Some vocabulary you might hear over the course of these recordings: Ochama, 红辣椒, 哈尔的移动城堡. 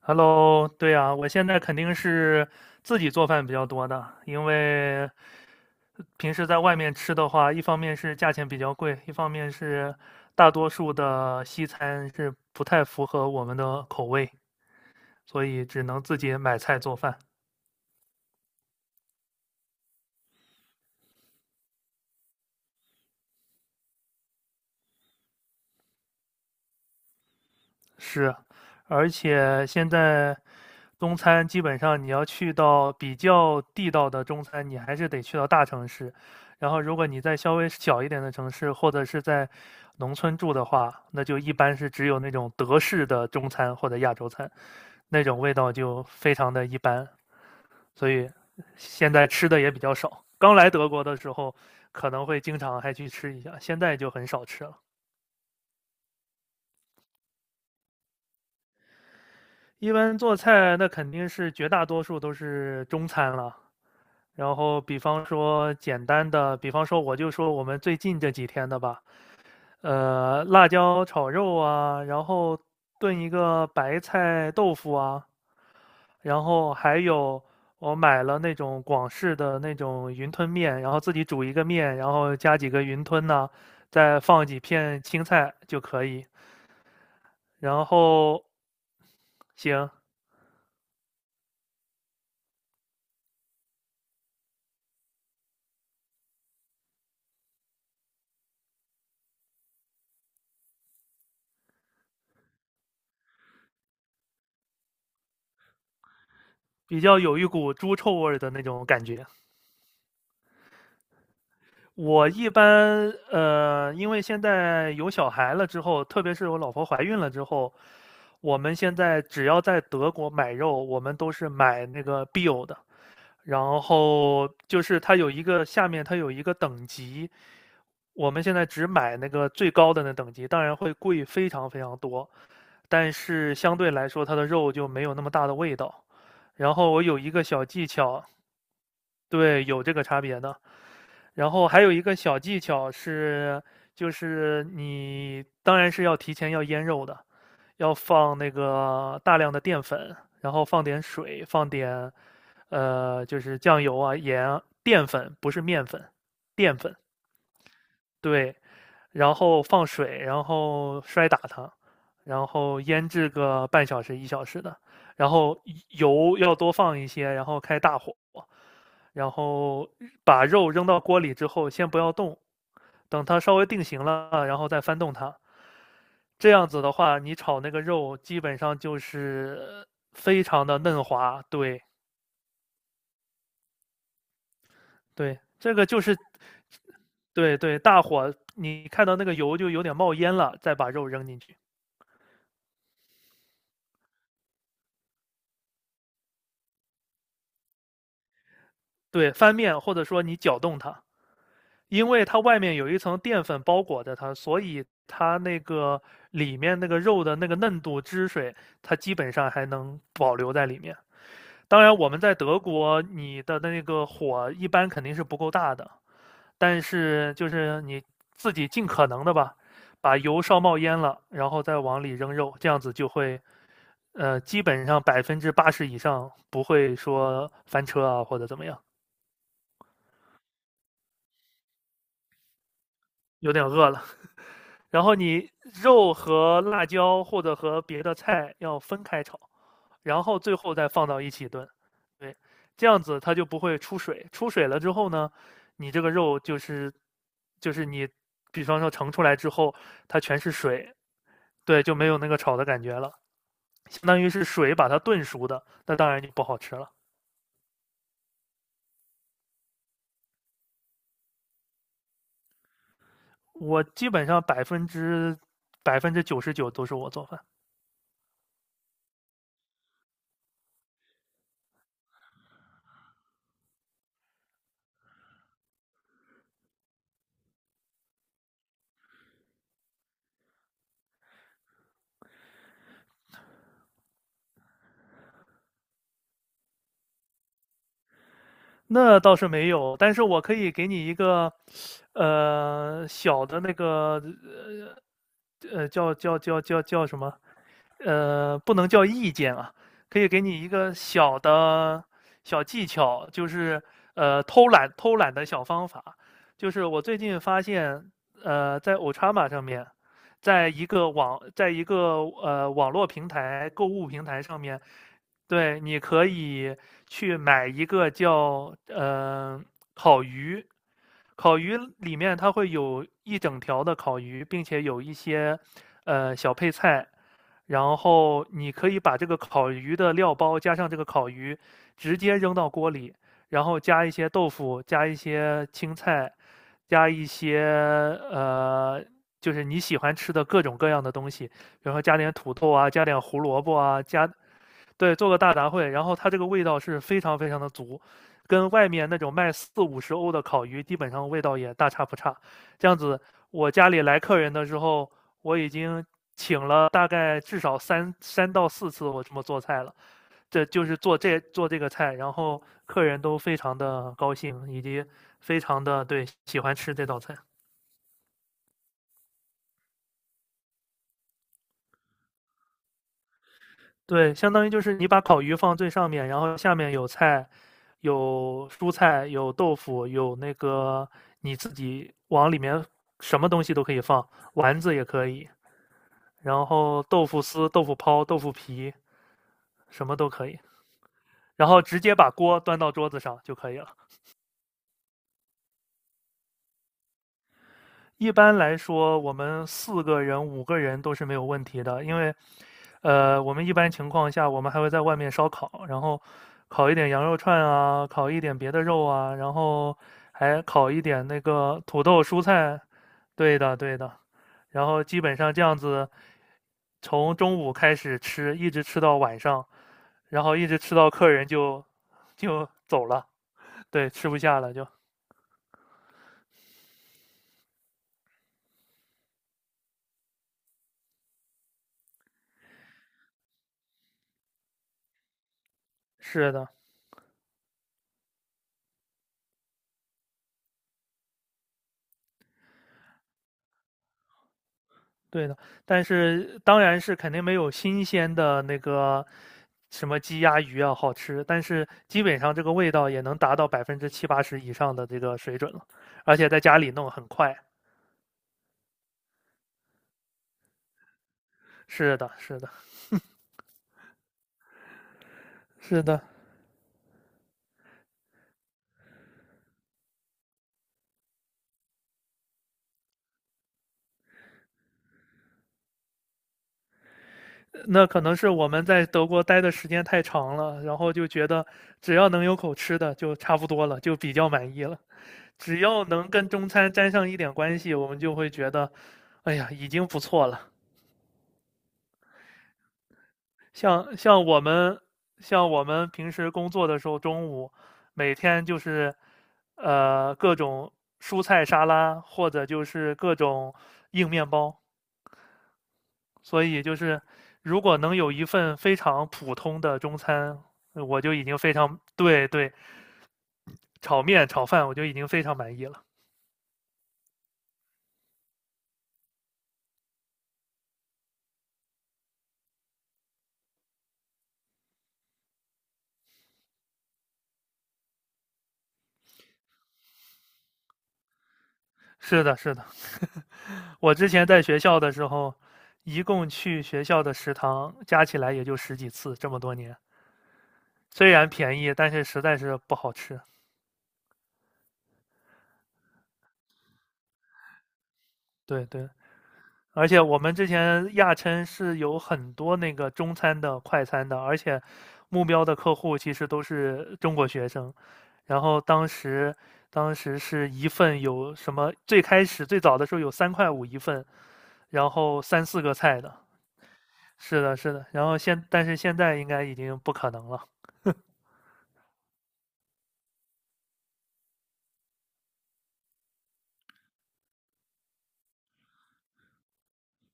Hello，对啊，我现在肯定是自己做饭比较多的，因为平时在外面吃的话，一方面是价钱比较贵，一方面是大多数的西餐是不太符合我们的口味，所以只能自己买菜做饭。是，而且现在中餐基本上你要去到比较地道的中餐，你还是得去到大城市。然后，如果你在稍微小一点的城市，或者是在农村住的话，那就一般是只有那种德式的中餐或者亚洲餐，那种味道就非常的一般。所以现在吃的也比较少。刚来德国的时候，可能会经常还去吃一下，现在就很少吃了。一般做菜，那肯定是绝大多数都是中餐了。然后，比方说简单的，比方说我就说我们最近这几天的吧，辣椒炒肉啊，然后炖一个白菜豆腐啊，然后还有我买了那种广式的那种云吞面，然后自己煮一个面，然后加几个云吞呐、再放几片青菜就可以。然后，行，比较有一股猪臭味儿的那种感觉。我一般因为现在有小孩了之后，特别是我老婆怀孕了之后，我们现在只要在德国买肉，我们都是买那个 Bio 的，然后就是它有一个下面它有一个等级，我们现在只买那个最高的那等级，当然会贵非常非常多，但是相对来说它的肉就没有那么大的味道。然后我有一个小技巧，对，有这个差别的。然后还有一个小技巧是，就是你当然是要提前要腌肉的，要放那个大量的淀粉，然后放点水，放点就是酱油啊、盐啊淀粉，不是面粉，淀粉对，然后放水，然后摔打它，然后腌制个半小时一小时的，然后油要多放一些，然后开大火，然后把肉扔到锅里之后，先不要动，等它稍微定型了，然后再翻动它。这样子的话，你炒那个肉基本上就是非常的嫩滑。对对，这个就是对对，大火你看到那个油就有点冒烟了，再把肉扔进去。对，翻面或者说你搅动它。因为它外面有一层淀粉包裹着它，所以它那个里面那个肉的那个嫩度、汁水，它基本上还能保留在里面。当然，我们在德国，你的那个火一般肯定是不够大的，但是就是你自己尽可能的吧，把油烧冒烟了，然后再往里扔肉，这样子就会，基本上80%以上不会说翻车啊或者怎么样。有点饿了。然后你肉和辣椒或者和别的菜要分开炒，然后最后再放到一起炖。对，这样子它就不会出水。出水了之后呢，你这个肉就是就是你，比方说盛出来之后，它全是水，对，就没有那个炒的感觉了，相当于是水把它炖熟的，那当然就不好吃了。我基本上99%都是我做饭。那倒是没有，但是我可以给你一个，呃，小的那个叫什么？不能叫意见啊，可以给你一个小的小技巧，就是偷懒的小方法。就是我最近发现，在 Ochama 上面，在一个网络平台、购物平台上面，对，你可以去买一个叫烤鱼，烤鱼里面它会有一整条的烤鱼，并且有一些小配菜，然后你可以把这个烤鱼的料包加上这个烤鱼，直接扔到锅里，然后加一些豆腐，加一些青菜，加一些呃就是你喜欢吃的各种各样的东西，比如说加点土豆啊，加点胡萝卜啊，加对，做个大杂烩，然后它这个味道是非常非常的足，跟外面那种卖40-50欧的烤鱼基本上味道也大差不差。这样子，我家里来客人的时候，我已经请了大概至少三到四次我这么做菜了，这就是做这个菜，然后客人都非常的高兴，以及非常的对喜欢吃这道菜。对，相当于就是你把烤鱼放最上面，然后下面有菜，有蔬菜，有豆腐，有那个你自己往里面什么东西都可以放，丸子也可以，然后豆腐丝、豆腐泡、豆腐皮，什么都可以，然后直接把锅端到桌子上就可以了。一般来说，我们4个人、5个人都是没有问题的，因为，我们一般情况下，我们还会在外面烧烤，然后烤一点羊肉串啊，烤一点别的肉啊，然后还烤一点那个土豆、蔬菜。对的，对的。然后基本上这样子，从中午开始吃，一直吃到晚上，然后一直吃到客人就走了，对，吃不下了就。是的，对的，但是当然是肯定没有新鲜的那个什么鸡鸭鱼啊好吃，但是基本上这个味道也能达到70%-80%以上的这个水准了，而且在家里弄很快。是的，是的，是的，那可能是我们在德国待的时间太长了，然后就觉得只要能有口吃的就差不多了，就比较满意了。只要能跟中餐沾上一点关系，我们就会觉得，哎呀，已经不错了。像像我们像我们平时工作的时候，中午每天就是各种蔬菜沙拉，或者就是各种硬面包。所以就是如果能有一份非常普通的中餐，我就已经非常对对，炒面炒饭我就已经非常满意了。是的，是的，我之前在学校的时候，一共去学校的食堂加起来也就10几次，这么多年，虽然便宜，但是实在是不好吃。对对，而且我们之前亚琛是有很多那个中餐的、快餐的，而且目标的客户其实都是中国学生。然后当时，当时是一份有什么？最开始最早的时候有3块5一份，然后3、4个菜的。是的，是的。然后现，但是现在应该已经不可能了。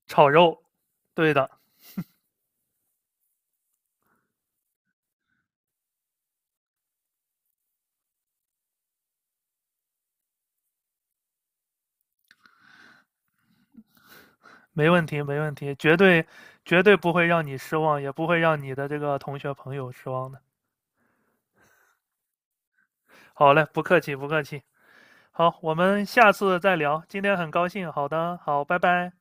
炒肉，对的，没问题，没问题，绝对不会让你失望，也不会让你的这个同学朋友失望的。好嘞，不客气，不客气。好，我们下次再聊。今天很高兴，好的，好，拜拜。